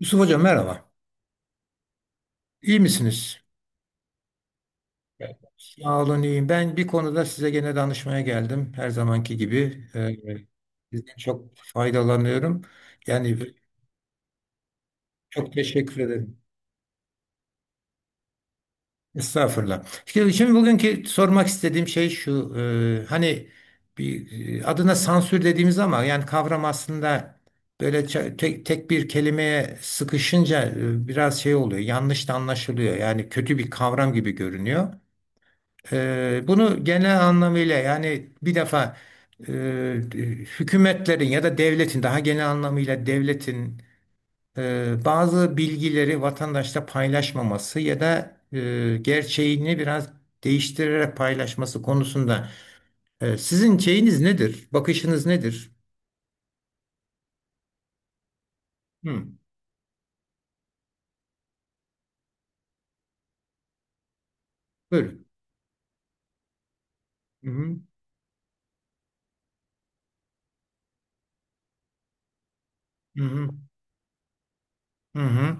Yusuf Hocam merhaba. İyi misiniz? Evet. Sağ olun iyiyim. Ben bir konuda size gene danışmaya geldim. Her zamanki gibi. Sizden çok faydalanıyorum. Yani çok teşekkür ederim. Estağfurullah. Şimdi, bugünkü sormak istediğim şey şu. Hani bir adına sansür dediğimiz ama yani kavram aslında böyle tek bir kelimeye sıkışınca biraz şey oluyor. Yanlış da anlaşılıyor. Yani kötü bir kavram gibi görünüyor. Bunu genel anlamıyla yani bir defa eee, hükümetlerin ya da devletin daha genel anlamıyla devletin bazı bilgileri vatandaşla paylaşmaması ya da gerçeğini biraz değiştirerek paylaşması konusunda sizin şeyiniz nedir? Bakışınız nedir? Hı, buyurun. Hı hı, hı hı, hı hı,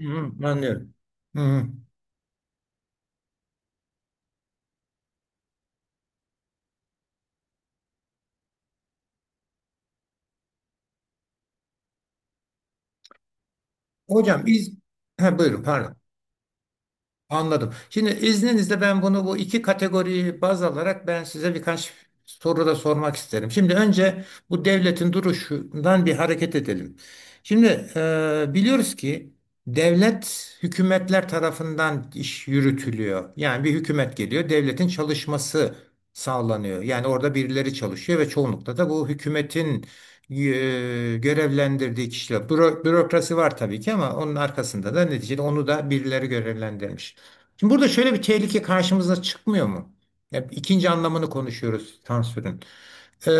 hı hı, anlıyorum. Hı hı. Hocam biz ha, buyurun pardon. Anladım. Şimdi izninizle ben bunu bu iki kategoriyi baz alarak ben size birkaç soru da sormak isterim. Şimdi önce bu devletin duruşundan bir hareket edelim. Şimdi biliyoruz ki devlet hükümetler tarafından iş yürütülüyor. Yani bir hükümet geliyor, devletin çalışması sağlanıyor. Yani orada birileri çalışıyor ve çoğunlukla da bu hükümetin e, görevlendirdiği kişiler. Bürokrasi var tabii ki ama onun arkasında da neticede onu da birileri görevlendirmiş. Şimdi burada şöyle bir tehlike karşımıza çıkmıyor mu? Hep ikinci anlamını konuşuyoruz sansürün.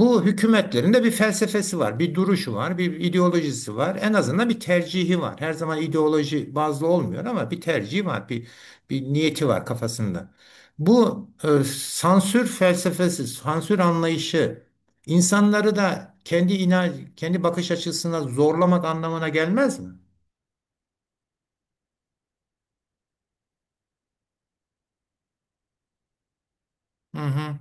Bu hükümetlerin de bir felsefesi var, bir duruşu var, bir ideolojisi var. En azından bir tercihi var. Her zaman ideoloji bazlı olmuyor ama bir tercihi var, bir niyeti var kafasında. Bu sansür felsefesi, sansür anlayışı insanları da kendi bakış açısına zorlamak anlamına gelmez mi? Hı hı.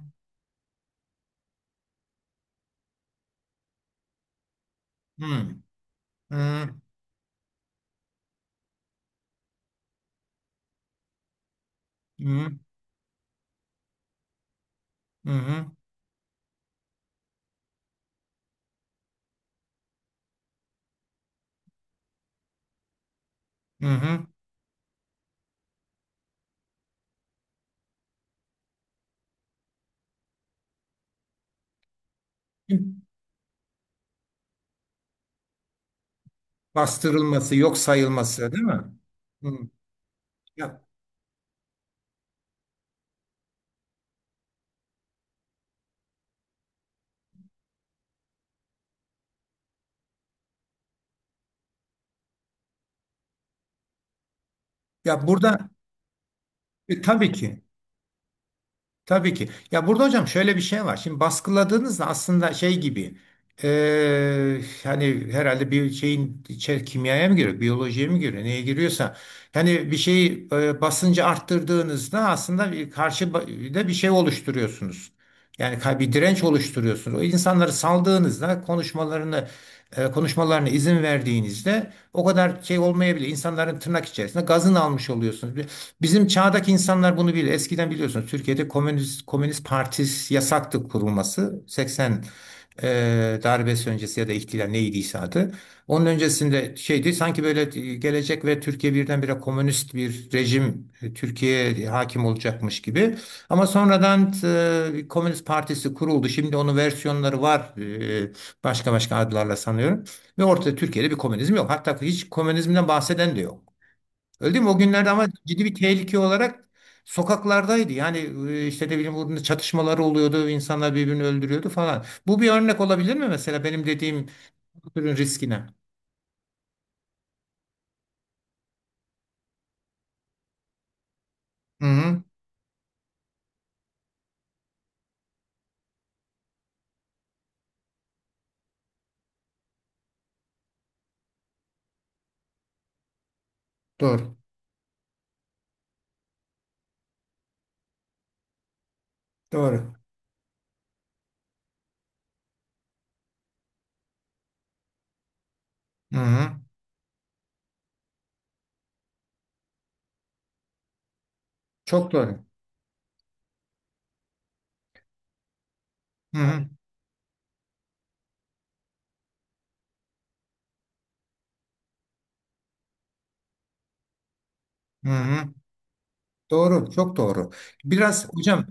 Hı hı. Hı hı. Hı hı. Hı hı. Bastırılması, yok sayılması, değil mi? Hı. Ya, Ya burada tabii ki, tabii ki. Ya burada hocam şöyle bir şey var. Şimdi baskıladığınızda aslında şey gibi, hani herhalde bir şeyin içer kimyaya mı giriyor, biyolojiye mi giriyor, neye giriyorsa. Yani bir şeyi basıncı arttırdığınızda aslında bir karşı da bir şey oluşturuyorsunuz. Yani bir direnç oluşturuyorsunuz. O insanları saldığınızda konuşmalarına izin verdiğinizde o kadar şey olmayabilir. İnsanların tırnak içerisinde gazını almış oluyorsunuz. Bizim çağdaki insanlar bunu bilir. Eskiden biliyorsunuz Türkiye'de Komünist Partisi yasaktı kurulması. 80 darbesi öncesi ya da ihtilal neydiyse adı. Onun öncesinde şeydi sanki böyle gelecek ve Türkiye birdenbire komünist bir rejim Türkiye'ye hakim olacakmış gibi. Ama sonradan Komünist Partisi kuruldu. Şimdi onun versiyonları var. e, Başka başka adlarla sanıyorum. Ve ortada Türkiye'de bir komünizm yok. Hatta hiç komünizmden bahseden de yok. Öldü mü o günlerde ama ciddi bir tehlike olarak sokaklardaydı. Yani işte de bileyim burada çatışmalar oluyordu, insanlar birbirini öldürüyordu falan. Bu bir örnek olabilir mi mesela benim dediğim bu türün riskine? Hı hı. Doğru. Doğru. Hı hı. Çok doğru. Hı hı. Hı hı. Doğru, çok doğru. Biraz hocam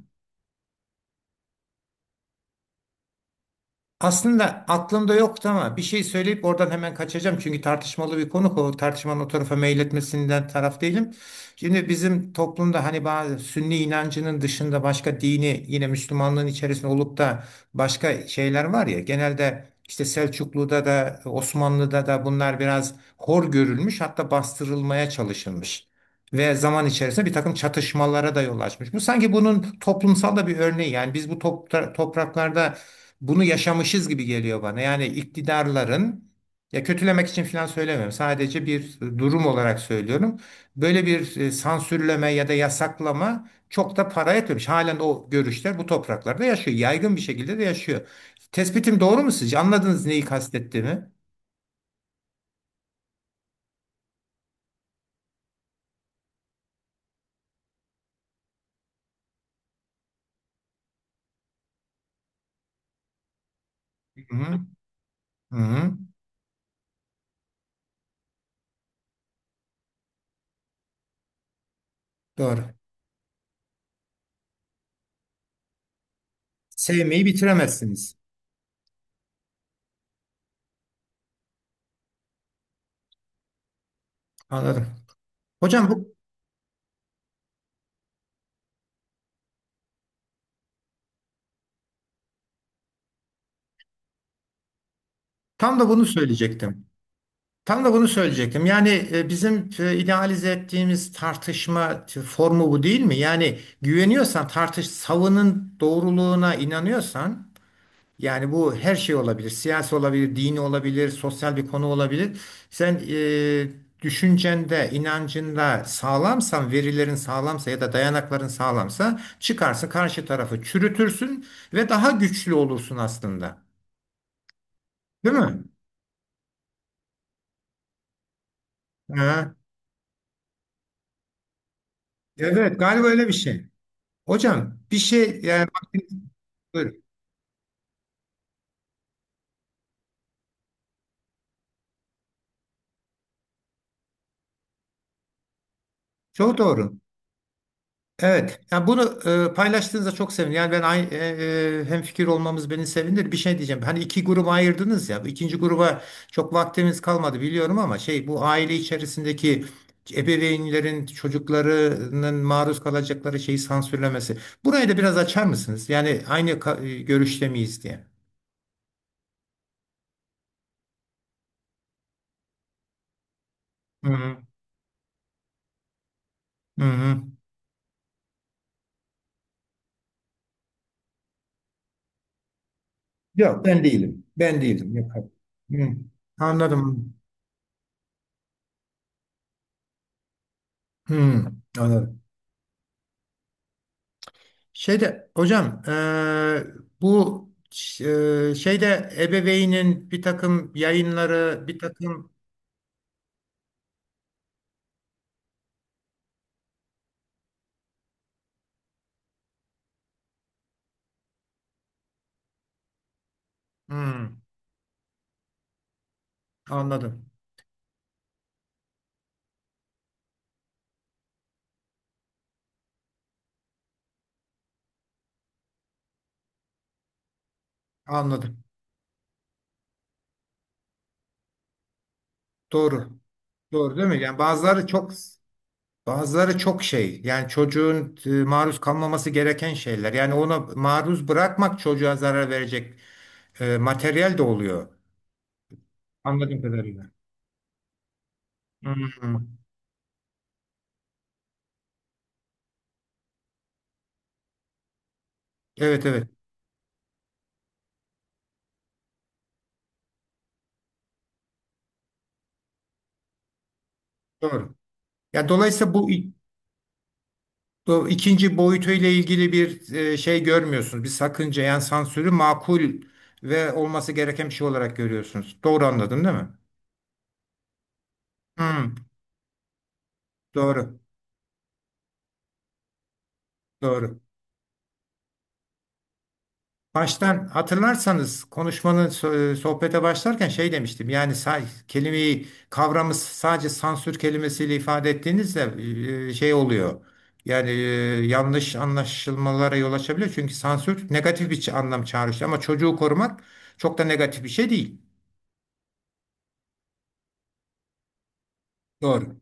aslında aklımda yoktu ama bir şey söyleyip oradan hemen kaçacağım. Çünkü tartışmalı bir konu. O tartışmanın o tarafa meyletmesinden taraf değilim. Şimdi bizim toplumda hani bazı Sünni inancının dışında başka dini yine Müslümanlığın içerisinde olup da başka şeyler var ya. Genelde işte Selçuklu'da da Osmanlı'da da bunlar biraz hor görülmüş hatta bastırılmaya çalışılmış. Ve zaman içerisinde bir takım çatışmalara da yol açmış. Bu sanki bunun toplumsal da bir örneği. Yani biz bu topraklarda bunu yaşamışız gibi geliyor bana. Yani iktidarların ya kötülemek için falan söylemiyorum. Sadece bir durum olarak söylüyorum. Böyle bir sansürleme ya da yasaklama çok da para etmemiş. Halen o görüşler bu topraklarda yaşıyor. Yaygın bir şekilde de yaşıyor. Tespitim doğru mu sizce? Anladınız neyi kastettiğimi? Hı hı. Hı hı. Doğru. Sevmeyi bitiremezsiniz. Anladım. Hocam bu tam da bunu söyleyecektim. Tam da bunu söyleyecektim. Yani bizim idealize ettiğimiz tartışma formu bu değil mi? Yani güveniyorsan tartış, savının doğruluğuna inanıyorsan yani bu her şey olabilir. Siyasi olabilir, dini olabilir, sosyal bir konu olabilir. Sen düşüncende, inancında sağlamsan, verilerin sağlamsa ya da dayanakların sağlamsa çıkarsın karşı tarafı çürütürsün ve daha güçlü olursun aslında. Değil mi? Ha, evet, galiba öyle bir şey. Hocam bir şey yani buyurun. Çok doğru. Evet. Yani bunu paylaştığınızda çok sevindim. Yani ben aynı hem fikir olmamız beni sevindir. Bir şey diyeceğim. Hani iki gruba ayırdınız ya. Bu İkinci gruba çok vaktimiz kalmadı biliyorum ama şey, bu aile içerisindeki ebeveynlerin çocuklarının maruz kalacakları şeyi sansürlemesi. Burayı da biraz açar mısınız? Yani aynı görüşte miyiz diye. Hı hı. Hı hı. Yok ben değilim. Ben değilim. Yok. Hı. Anladım. Hmm, anladım. Şeyde hocam bu şeyde ebeveynin bir takım yayınları bir takım hmm, anladım, anladım, doğru, doğru, değil mi? Yani bazıları çok bazıları çok şey yani çocuğun maruz kalmaması gereken şeyler yani ona maruz bırakmak çocuğa zarar verecek materyal de oluyor anladığım kadarıyla. Hmm, evet, evet, doğru. Ya dolayısıyla bu bu ikinci boyutuyla ilgili bir şey görmüyorsunuz. Bir sakınca yani sansürü makul ve olması gereken bir şey olarak görüyorsunuz. Doğru anladım değil mi? Hmm, doğru, doğru. Baştan hatırlarsanız konuşmanın sohbete başlarken şey demiştim. Yani kelimeyi kavramı sadece sansür kelimesiyle ifade ettiğinizde şey oluyor. Yani yanlış anlaşılmalara yol açabiliyor. Çünkü sansür negatif bir anlam çağrıştırıyor. Ama çocuğu korumak çok da negatif bir şey değil. Doğru.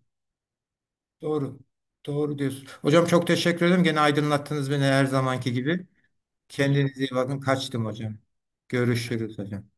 Doğru. Doğru diyorsun. Hocam çok teşekkür ederim. Gene aydınlattınız beni her zamanki gibi. Kendinize iyi bakın. Kaçtım hocam. Görüşürüz hocam.